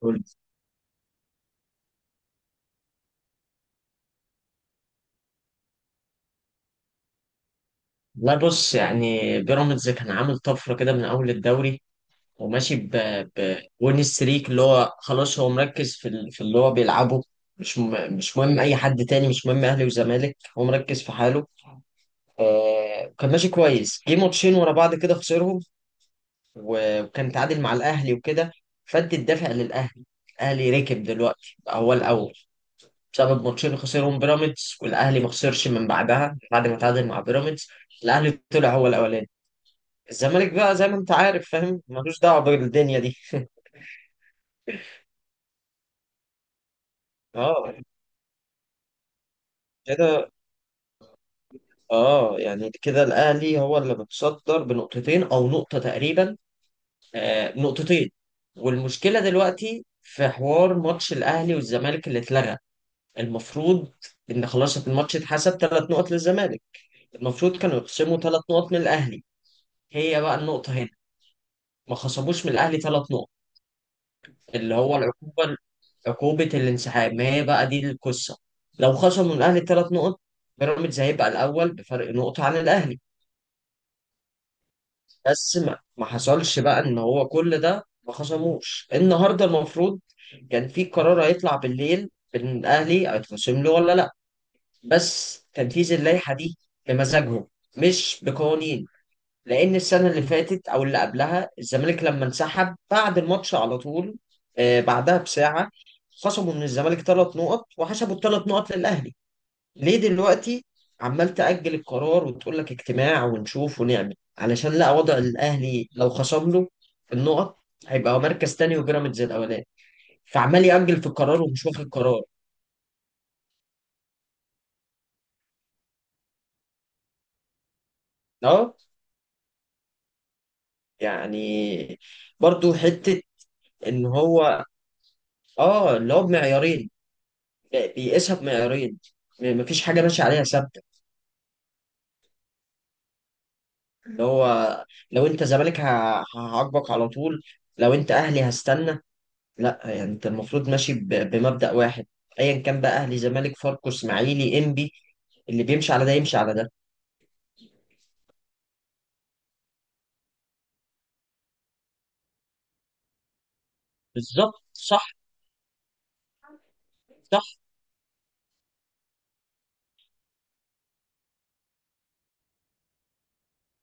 قول. لا بص، يعني بيراميدز كان عامل طفرة كده من أول الدوري وماشي بوين ستريك اللي هو خلاص هو مركز في في اللي هو بيلعبه. مش م... مش مهم أي حد تاني، مش مهم أهلي وزمالك، هو مركز في حاله. كان ماشي كويس، جه ماتشين ورا بعض كده خسرهم، و- وكان تعادل مع الأهلي وكده، فادي الدافع للأهلي. الأهلي ركب دلوقتي، بقى هو الأول بسبب ماتشين خسرهم بيراميدز، والأهلي ما خسرش من بعدها بعد ما تعادل مع بيراميدز. الأهلي طلع هو الأولاني. الزمالك بقى زي ما انت عارف فاهم، ملوش دعوه بالدنيا دي. اه، كده. اه، يعني كده الاهلي هو اللي متصدر بنقطتين او نقطه تقريبا. آه، نقطتين. والمشكله دلوقتي في حوار ماتش الاهلي والزمالك اللي اتلغى. المفروض ان خلاص الماتش اتحسب ثلاث نقط للزمالك، المفروض كانوا يقسموا ثلاث نقط من الاهلي. هي بقى النقطه هنا، ما خصموش من الاهلي ثلاث نقط، اللي هو العقوبة، عقوبة الانسحاب. ما هي بقى دي القصة. لو خصموا الأهلي ثلاث نقط، بيراميدز هيبقى الأول بفرق نقطة عن الأهلي. بس ما حصلش بقى إن هو كل ده، ما خصموش النهاردة. المفروض كان في قرار هيطلع بالليل إن الأهلي هيتخصم له ولا لأ. بس تنفيذ اللائحة دي بمزاجهم، مش بقوانين. لان السنه اللي فاتت او اللي قبلها الزمالك لما انسحب بعد الماتش على طول، بعدها بساعه، خصموا من الزمالك ثلاث نقط وحسبوا الثلاث نقط للاهلي. ليه دلوقتي عمال تأجل القرار وتقول لك اجتماع ونشوف ونعمل، علشان لا وضع الاهلي لو خصم له النقط هيبقى مركز تاني وبيراميدز الاولاني؟ فعمال يأجل في القرار ومش واخد قرار. اه، يعني برضو حته ان هو، اه، اللي هو بمعيارين، بيقيسها بمعيارين. مفيش حاجه ماشيه عليها ثابته. اللي هو لو انت زمالك هعاقبك على طول، لو انت اهلي هستنى. لا، يعني انت المفروض ماشي بمبدأ واحد، ايا كان بقى، اهلي زمالك فاركو اسماعيلي انبي، اللي بيمشي على ده يمشي على ده. بالظبط، صح. صح.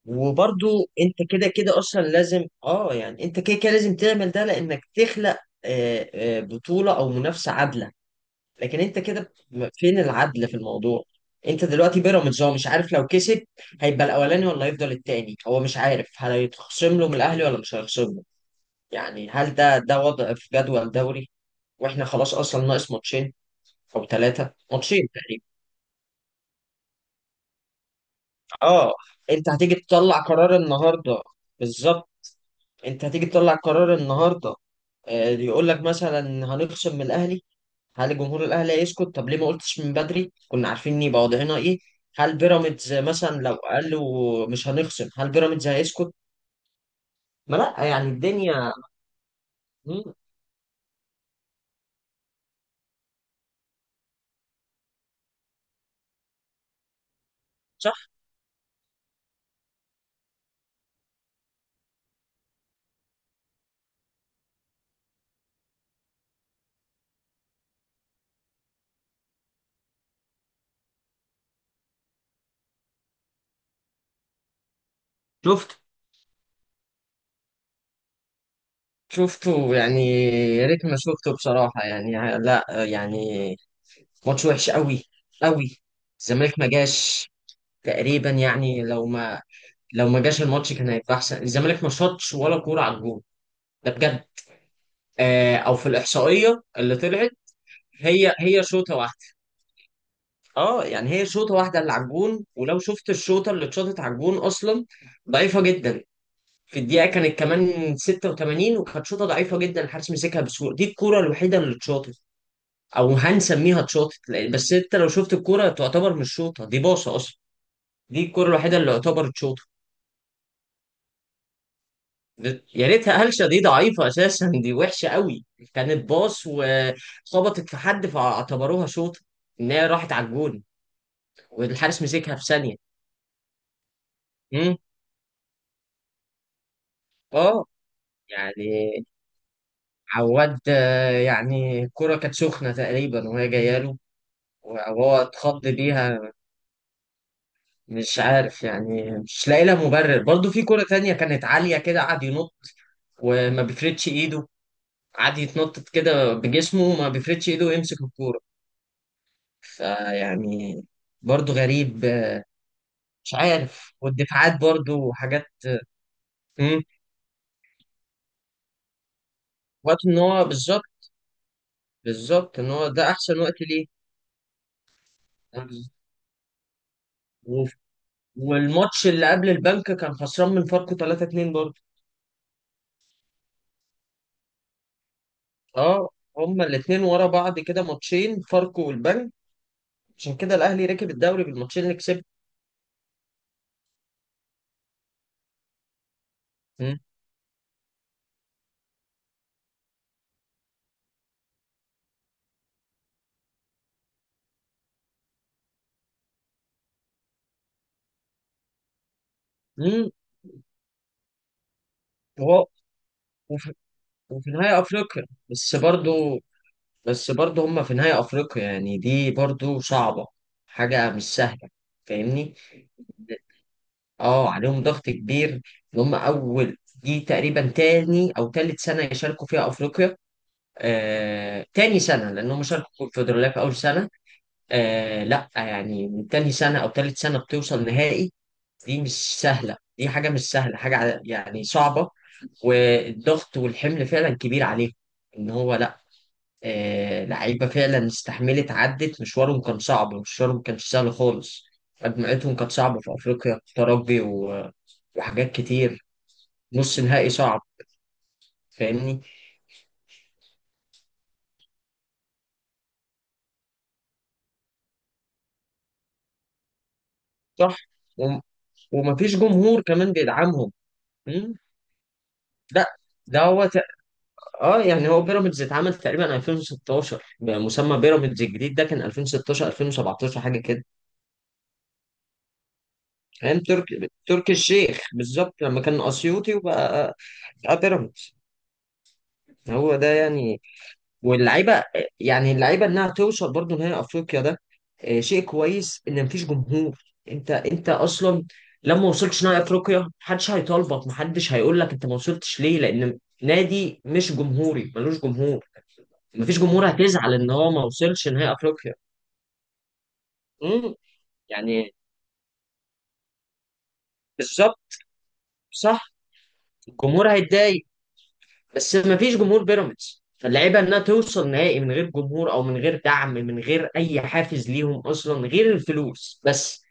وبرضو انت كده كده اصلا لازم اه، يعني انت كده كده لازم تعمل ده لانك تخلق بطولة او منافسة عادلة. لكن انت كده، فين العدل في الموضوع؟ انت دلوقتي بيراميدز هو مش عارف لو كسب هيبقى الاولاني ولا هيفضل التاني، هو مش عارف هل هيتخصم له من الاهلي ولا مش هيخصم له. يعني هل ده وضع في جدول دوري؟ واحنا خلاص اصلا ناقص ماتشين او ثلاثه ماتشين تقريبا. اه، انت هتيجي تطلع قرار النهارده. بالظبط. انت هتيجي تطلع قرار النهارده، يقول لك مثلا هنخصم من الاهلي. هل الجمهور الاهلي هيسكت؟ طب ليه ما قلتش من بدري، كنا عارفين يبقى وضعنا ايه. هل بيراميدز مثلا لو قالوا مش هنخصم هل بيراميدز هيسكت؟ ما لا، يعني الدنيا. مم، صح. شفت. شفته يعني. يا ريت ما شفته بصراحة يعني. لا يعني، ماتش وحش قوي، قوي. الزمالك ما جاش تقريبا، يعني لو ما، لو ما جاش الماتش كان هيبقى احسن. الزمالك ما شاطش ولا كورة على الجون، ده بجد. آه، او في الاحصائية اللي طلعت، هي هي شوطة واحدة. اه يعني هي شوطه واحده اللي على الجون، ولو شفت الشوطه اللي اتشاطت على الجون اصلا، ضعيفه جدا. في الدقيقه كانت كمان 86، وكانت شوطه ضعيفه جدا، الحارس مسكها بسهوله. دي الكوره الوحيده اللي اتشاطت، او هنسميها اتشاطت، بس انت لو شفت الكوره تعتبر مش شوطه، دي باصه اصلا. دي الكوره الوحيده اللي يعتبر اتشاطت. يا ريتها هلشه، دي ضعيفه اساسا، دي وحشه قوي. كانت باص وخبطت في حد فاعتبروها شوطه ان هي راحت على الجون، والحارس مسكها في ثانيه. مم. اه، يعني عواد، يعني الكرة كانت سخنة تقريبا وهي جاية له وهو اتخض بيها. مش عارف يعني، مش لاقي لها مبرر برضه. في كرة تانية كانت عالية كده قعد ينط وما بيفردش ايده، قعد يتنطط كده بجسمه وما بيفردش ايده ويمسك الكورة. فيعني برضه غريب. مش عارف، والدفاعات برضه وحاجات. مم. وقت ان هو بالظبط، بالظبط ان هو ده احسن وقت ليه. وف- والماتش اللي قبل البنك كان خسران من فاركو 3-2 برضه. اه، هما الاثنين ورا بعض كده، ماتشين فاركو والبنك. عشان كده الاهلي ركب الدوري بالماتشين اللي كسبهم. امم. هو وفي, وفي نهاية افريقيا. بس برضو، بس برضو هما في نهاية افريقيا، يعني دي برضو صعبة، حاجة مش سهلة. فاهمني؟ اه، عليهم ضغط كبير، ان هما اول، دي تقريبا تاني او تالت سنة يشاركوا فيها افريقيا. تاني سنة، لأن هم شاركوا في الكونفدرالية في أول سنة. آه لا، يعني من تاني سنة أو تالت سنة بتوصل نهائي، دي مش سهلة، دي حاجة مش سهلة، حاجة يعني صعبة. والضغط والحمل فعلا كبير عليه، ان هو لا. آه، لعيبة فعلا استحملت، عدت مشوارهم كان صعب، مشوارهم كانش سهل خالص، مجموعتهم كانت صعبة في افريقيا، ترجي وحاجات كتير، نص نهائي صعب. فاهمني؟ صح. وم- ومفيش جمهور كمان بيدعمهم. مم؟ لا، ده هو ت... اه يعني هو بيراميدز اتعمل تقريبا 2016 بمسمى بيراميدز الجديد، ده كان 2016 2017 حاجة كده. فاهم، تركي، تركي الشيخ، بالظبط لما كان اسيوطي وبقى، بقى بيراميدز. هو ده يعني. واللعيبه، يعني اللعيبه انها توصل برضو نهائي افريقيا ده، شيء كويس ان مفيش جمهور. انت انت اصلا لما وصلتش نهائي افريقيا محدش هيطالبك، محدش هيقول لك انت ما وصلتش ليه، لان نادي مش جمهوري ملوش جمهور. مفيش جمهور هتزعل ان هو ما وصلش نهائي افريقيا. امم. يعني بالظبط صح، الجمهور هيتضايق. بس ما فيش جمهور بيراميدز، فاللعيبه انها توصل نهائي من غير جمهور، او من غير دعم، من غير اي حافز ليهم اصلا غير الفلوس بس.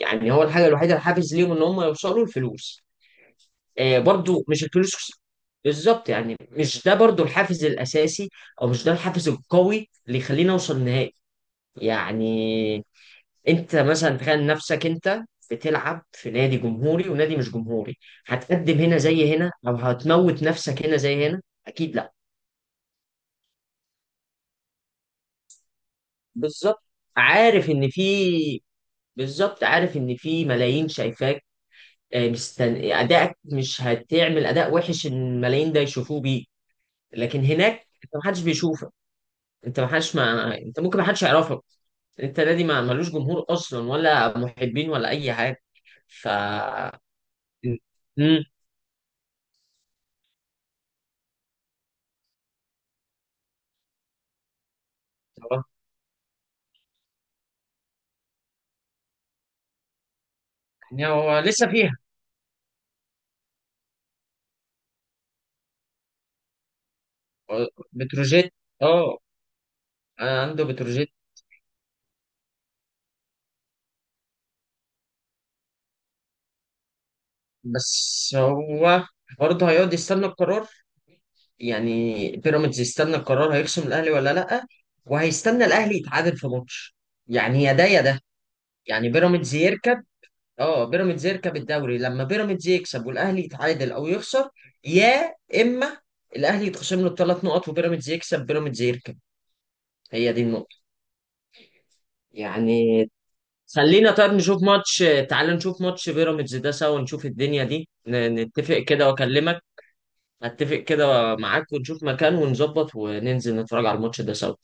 يعني هو الحاجه الوحيده الحافز ليهم ان هم يوصلوا الفلوس. آه، برضو مش الفلوس، بالظبط، يعني مش ده برضو الحافز الاساسي، او مش ده الحافز القوي اللي يخلينا نوصل نهائي. يعني انت مثلا تخيل نفسك انت بتلعب في نادي جمهوري ونادي مش جمهوري، هتقدم هنا زي هنا، او هتموت نفسك هنا زي هنا؟ اكيد لا. بالظبط، عارف ان في بالظبط عارف ان في ملايين شايفاك، ادائك مش هتعمل اداء وحش إن الملايين ده يشوفوه بيه. لكن هناك انت محدش بيشوفك، انت محدش، ما انت ممكن محدش يعرفك، انت نادي ما ملوش جمهور اصلا، ولا محبين، ولا اي حاجه. ف. امم. يعني هو لسه فيها بتروجيت. اه، عنده بتروجيت. بس هو برضه هيقعد يستنى القرار، يعني بيراميدز يستنى القرار هيخصم الاهلي ولا لا، وهيستنى الاهلي يتعادل في ماتش. يعني يا ده يا ده، يعني بيراميدز يركب، اه بيراميدز يركب الدوري لما بيراميدز يكسب والاهلي يتعادل او يخسر، يا اما الاهلي يتخصم له الثلاث نقط وبيراميدز يكسب، بيراميدز يركب. هي دي النقطة. يعني خلينا طيب نشوف ماتش، تعال نشوف ماتش بيراميدز ده سوا، نشوف الدنيا دي، نتفق كده واكلمك. اتفق كده معاك، ونشوف مكان ونظبط وننزل نتفرج على الماتش ده سوا.